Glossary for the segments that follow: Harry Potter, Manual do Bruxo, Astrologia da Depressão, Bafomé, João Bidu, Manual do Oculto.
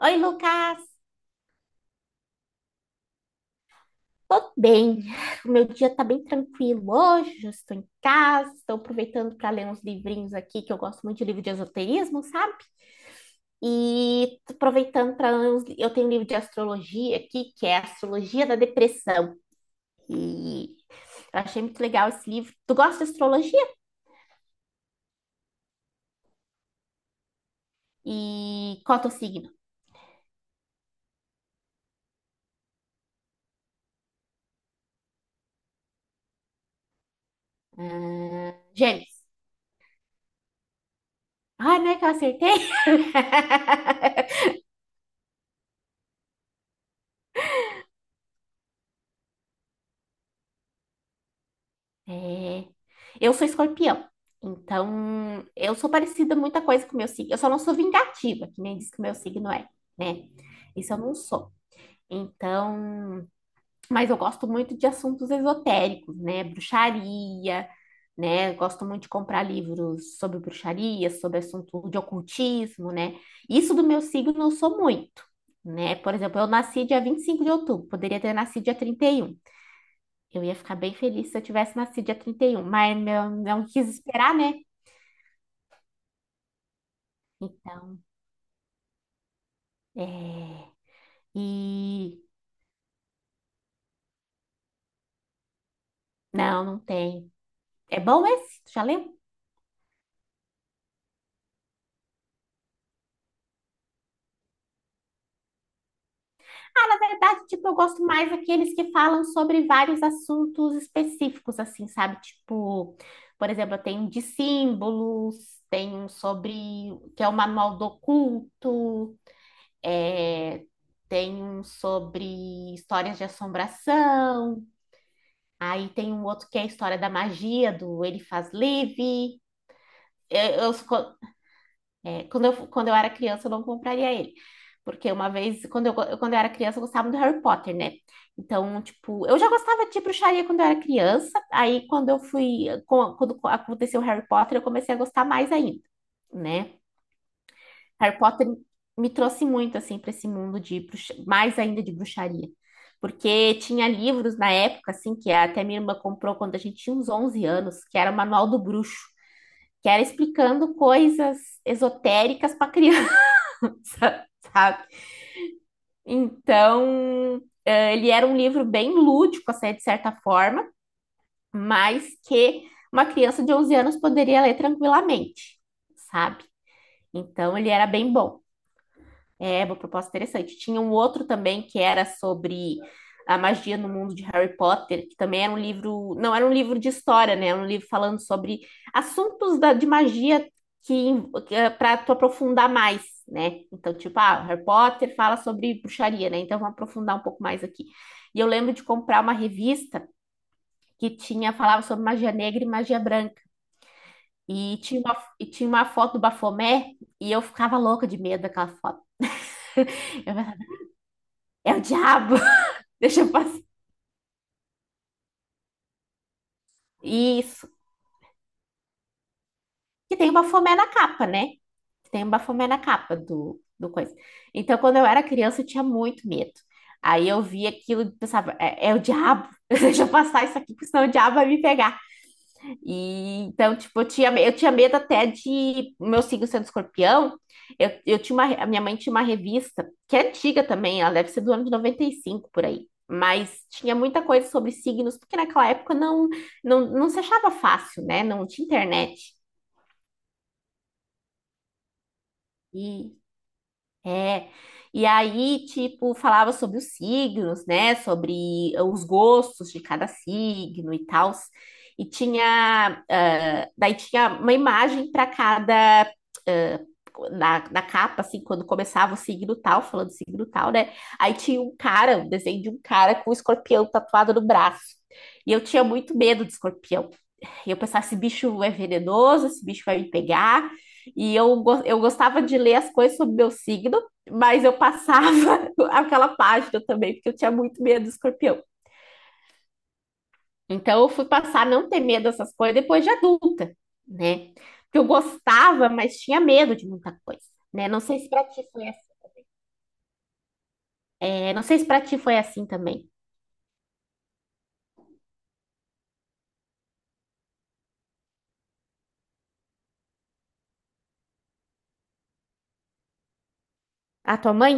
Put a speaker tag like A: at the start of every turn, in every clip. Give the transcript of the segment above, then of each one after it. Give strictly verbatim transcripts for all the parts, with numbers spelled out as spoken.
A: Oi, Lucas. Tô bem. O meu dia tá bem tranquilo hoje. Já estou em casa, estou aproveitando para ler uns livrinhos aqui, que eu gosto muito de livro de esoterismo, sabe? E tô aproveitando para ler uns... Eu tenho um livro de astrologia aqui, que é Astrologia da Depressão. E eu achei muito legal esse livro. Tu gosta de astrologia? E qual é o teu signo? Ah, Gêmeos. Ai, não é que eu acertei? É. Eu sou escorpião, então eu sou parecida muita coisa com o meu signo. Eu só não sou vingativa, que nem diz que o meu signo é, né? Isso eu não sou. Então, mas eu gosto muito de assuntos esotéricos, né? Bruxaria, né? Eu Gosto muito de comprar livros sobre bruxaria, sobre assunto de ocultismo, né? Isso do meu signo eu sou muito, né? Por exemplo, eu nasci dia vinte e cinco de outubro, poderia ter nascido dia trinta e um. Eu ia ficar bem feliz se eu tivesse nascido dia trinta e um, mas meu, não quis esperar, né? Então, é... E... Não, não tem. É bom esse? Tu Já lembro. Na verdade, tipo, eu gosto mais daqueles que falam sobre vários assuntos específicos, assim, sabe? Tipo, por exemplo, eu tenho um de símbolos, tem um sobre... que é o Manual do Oculto, é... tem um sobre histórias de assombração. Aí tem um outro que é a história da magia, do ele faz livre. Eu, eu- é, quando, eu, quando eu era criança, eu não compraria ele. Porque uma vez, quando eu, eu- quando eu era criança, eu gostava do Harry Potter, né? Então, tipo, eu já gostava de bruxaria quando eu era criança. Aí, quando eu fui, com- quando aconteceu o Harry Potter, eu comecei a gostar mais ainda, né? Harry Potter me trouxe muito assim para esse mundo de bruxa- mais ainda de bruxaria, porque tinha livros na época assim que até minha irmã comprou quando a gente tinha uns onze anos, que era o Manual do Bruxo, que era explicando coisas esotéricas para criança, sabe? Então, eh, ele era um livro bem lúdico assim, de certa forma, mas que uma criança de onze anos poderia ler tranquilamente, sabe? Então, ele era bem bom. É, uma proposta interessante. Tinha um outro também que era sobre a magia no mundo de Harry Potter, que também era um livro, não era um livro de história, né? Era um livro falando sobre assuntos da- de magia que para tu aprofundar mais, né? Então, tipo, ah, Harry Potter fala sobre bruxaria, né? Então, vamos aprofundar um pouco mais aqui. E eu lembro de comprar uma revista que tinha falava sobre magia negra e magia branca. E tinha uma, e tinha uma foto do Bafomé, e eu ficava louca de medo daquela foto. Eu pensava, É o diabo. Deixa eu passar. Isso. Que tem o Bafomé na capa, né? Que tem o Bafomé na capa do, do coisa. Então, quando eu era criança, eu tinha muito medo. Aí eu via aquilo e pensava, é, é o diabo. Deixa eu passar isso aqui, porque senão o diabo vai me pegar. E, então, tipo, eu tinha, eu tinha medo até de meu signo sendo escorpião. Eu, eu tinha uma, a minha mãe tinha uma revista, que é antiga também, ela deve ser do ano de noventa e cinco por aí. Mas tinha muita coisa sobre signos, porque naquela época não, não, não se achava fácil, né? Não tinha internet. E É. E aí, tipo, falava sobre os signos, né? Sobre os gostos de cada signo e tal. E tinha, ah, daí tinha uma imagem para cada, ah, na, na capa, assim, quando começava o signo tal, falando signo tal, né? Aí tinha um cara, um desenho de um cara com um escorpião tatuado no braço. E eu tinha muito medo de escorpião. E eu pensava, esse bicho é venenoso, esse bicho vai me pegar. E eu, go- eu gostava de ler as coisas sobre meu signo, mas eu passava aquela página também, porque eu tinha muito medo do escorpião. Então eu fui passar a não ter medo dessas coisas depois de adulta, né? Porque eu gostava, mas tinha medo de muita coisa, né? Não sei se pra ti foi assim. É, não sei se pra ti foi assim também. A tua mãe?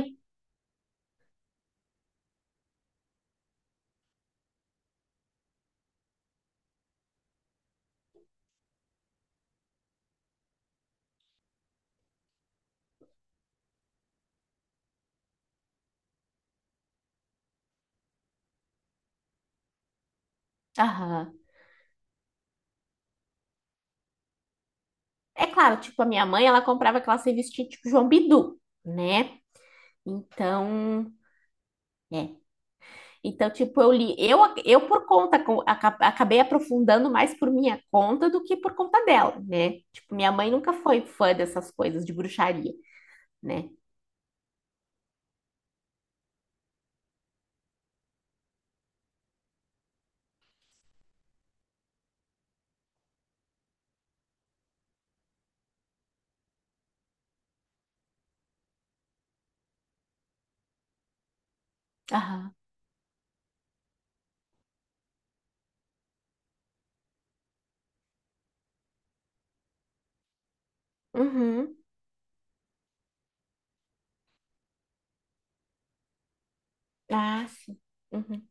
A: Aham. É claro, tipo, a minha mãe, ela comprava aquelas revistinhas tipo João Bidu, né? Então, é. Então, tipo, eu li, eu, eu por conta, co- aca- acabei aprofundando mais por minha conta do que por conta dela, né? Tipo, minha mãe nunca foi fã dessas coisas de bruxaria, né? Aham. Uhum. Ah, sim. Uhum.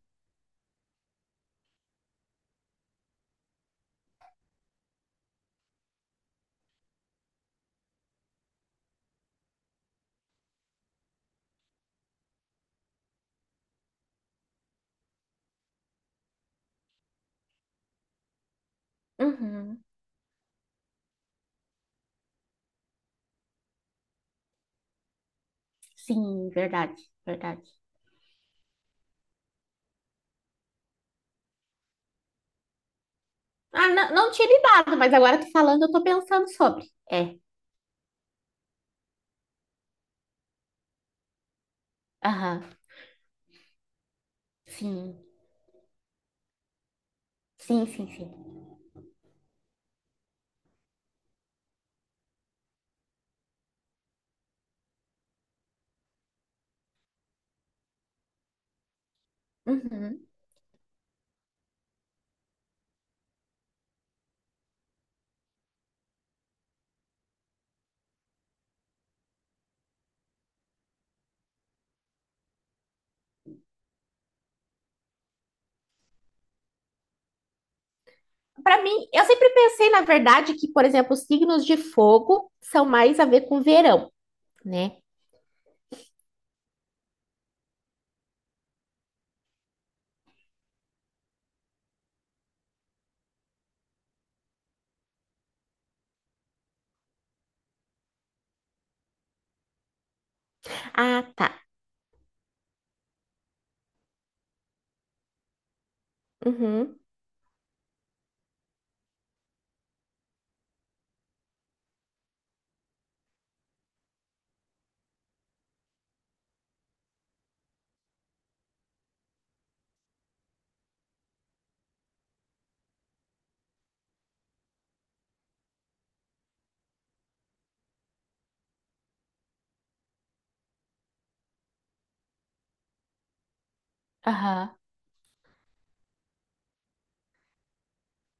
A: Uhum. Sim, verdade, verdade. Ah, não, não tinha lidado, mas agora tu falando, eu tô pensando sobre. É. Aham. Sim. Sim, sim, sim. Uhum. Para mim, eu sempre pensei, na verdade, que, por exemplo, os signos de fogo são mais a ver com verão, né? Ah, tá. Uhum. Aham.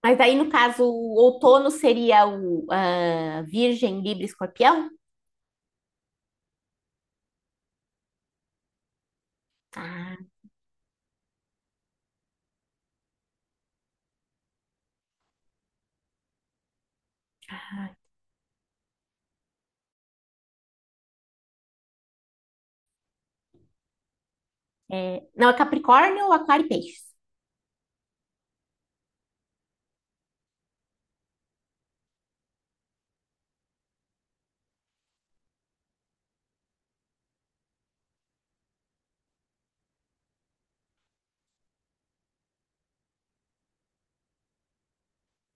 A: Mas aí, no caso, o outono seria o ah, Virgem, Libra, e Escorpião? Ah, Ai, é... Não, é Capricórnio, Aquário e Peixes.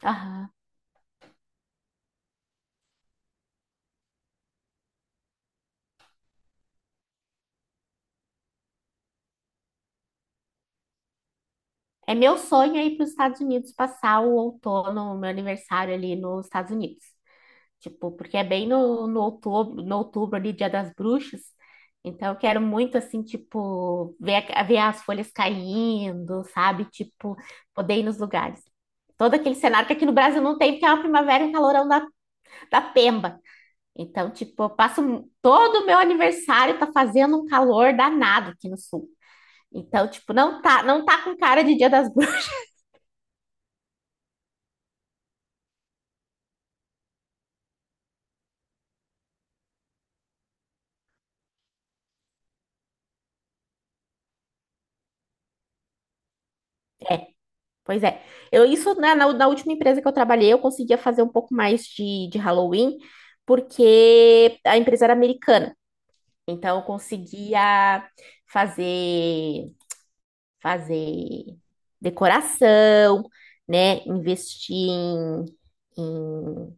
A: Aham. É meu sonho é ir para os Estados Unidos passar o outono, o meu aniversário ali nos Estados Unidos. Tipo, porque é bem no, no outubro, no outubro ali, Dia das Bruxas. Então, eu quero muito, assim, tipo, ver, a- ver as folhas caindo, sabe? Tipo, poder ir nos lugares. Todo aquele cenário que aqui no Brasil não tem, porque é uma primavera e um calorão da, da pemba. Então, tipo, eu passo um- todo o meu aniversário tá fazendo um calor danado aqui no sul. Então, tipo, não tá, não tá com cara de Dia das Bruxas. Pois é. Eu, isso, né, na, na última empresa que eu trabalhei, eu conseguia fazer um pouco mais de, de Halloween, porque a empresa era americana. Então, eu conseguia fazer, fazer decoração, né, investir em, em,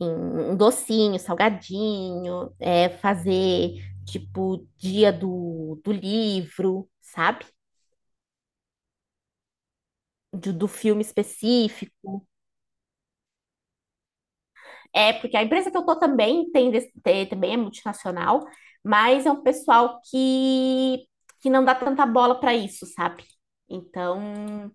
A: em um docinho, salgadinho, é, fazer, tipo, dia do, do livro, sabe? Do, do filme específico. É, porque a empresa que eu tô também tem, desse- tem- também é multinacional, mas é um pessoal que, que não dá tanta bola para isso, sabe? Então,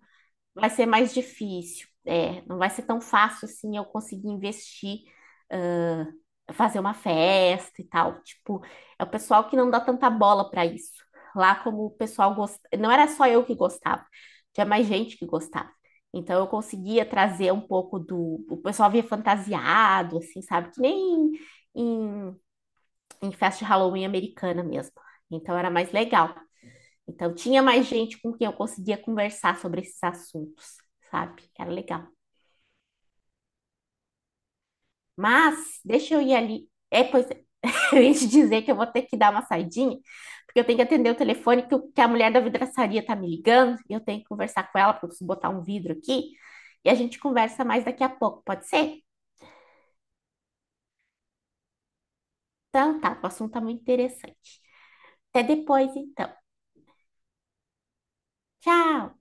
A: Vai ser mais difícil, é, não vai ser tão fácil assim eu conseguir investir, ah, fazer uma festa e tal. Tipo, é o pessoal que não dá tanta bola para isso. Lá, como o pessoal gostava, não era só eu que gostava, tinha mais gente que gostava. Então, eu conseguia trazer um pouco do. O pessoal via fantasiado, assim, sabe? Que nem em, em festa de Halloween americana mesmo. Então, era mais legal. Então, tinha mais gente com quem eu conseguia conversar sobre esses assuntos, sabe? Era legal. Mas, deixa eu ir ali. É, pois, é, eu ia te dizer que eu vou ter que dar uma saidinha, porque eu tenho que atender o telefone que, o- que a mulher da vidraçaria tá me ligando, e eu tenho que conversar com ela, porque eu preciso botar um vidro aqui, e a gente conversa mais daqui a pouco, pode ser? Então, tá, o assunto tá muito interessante. Até depois, então. Tchau!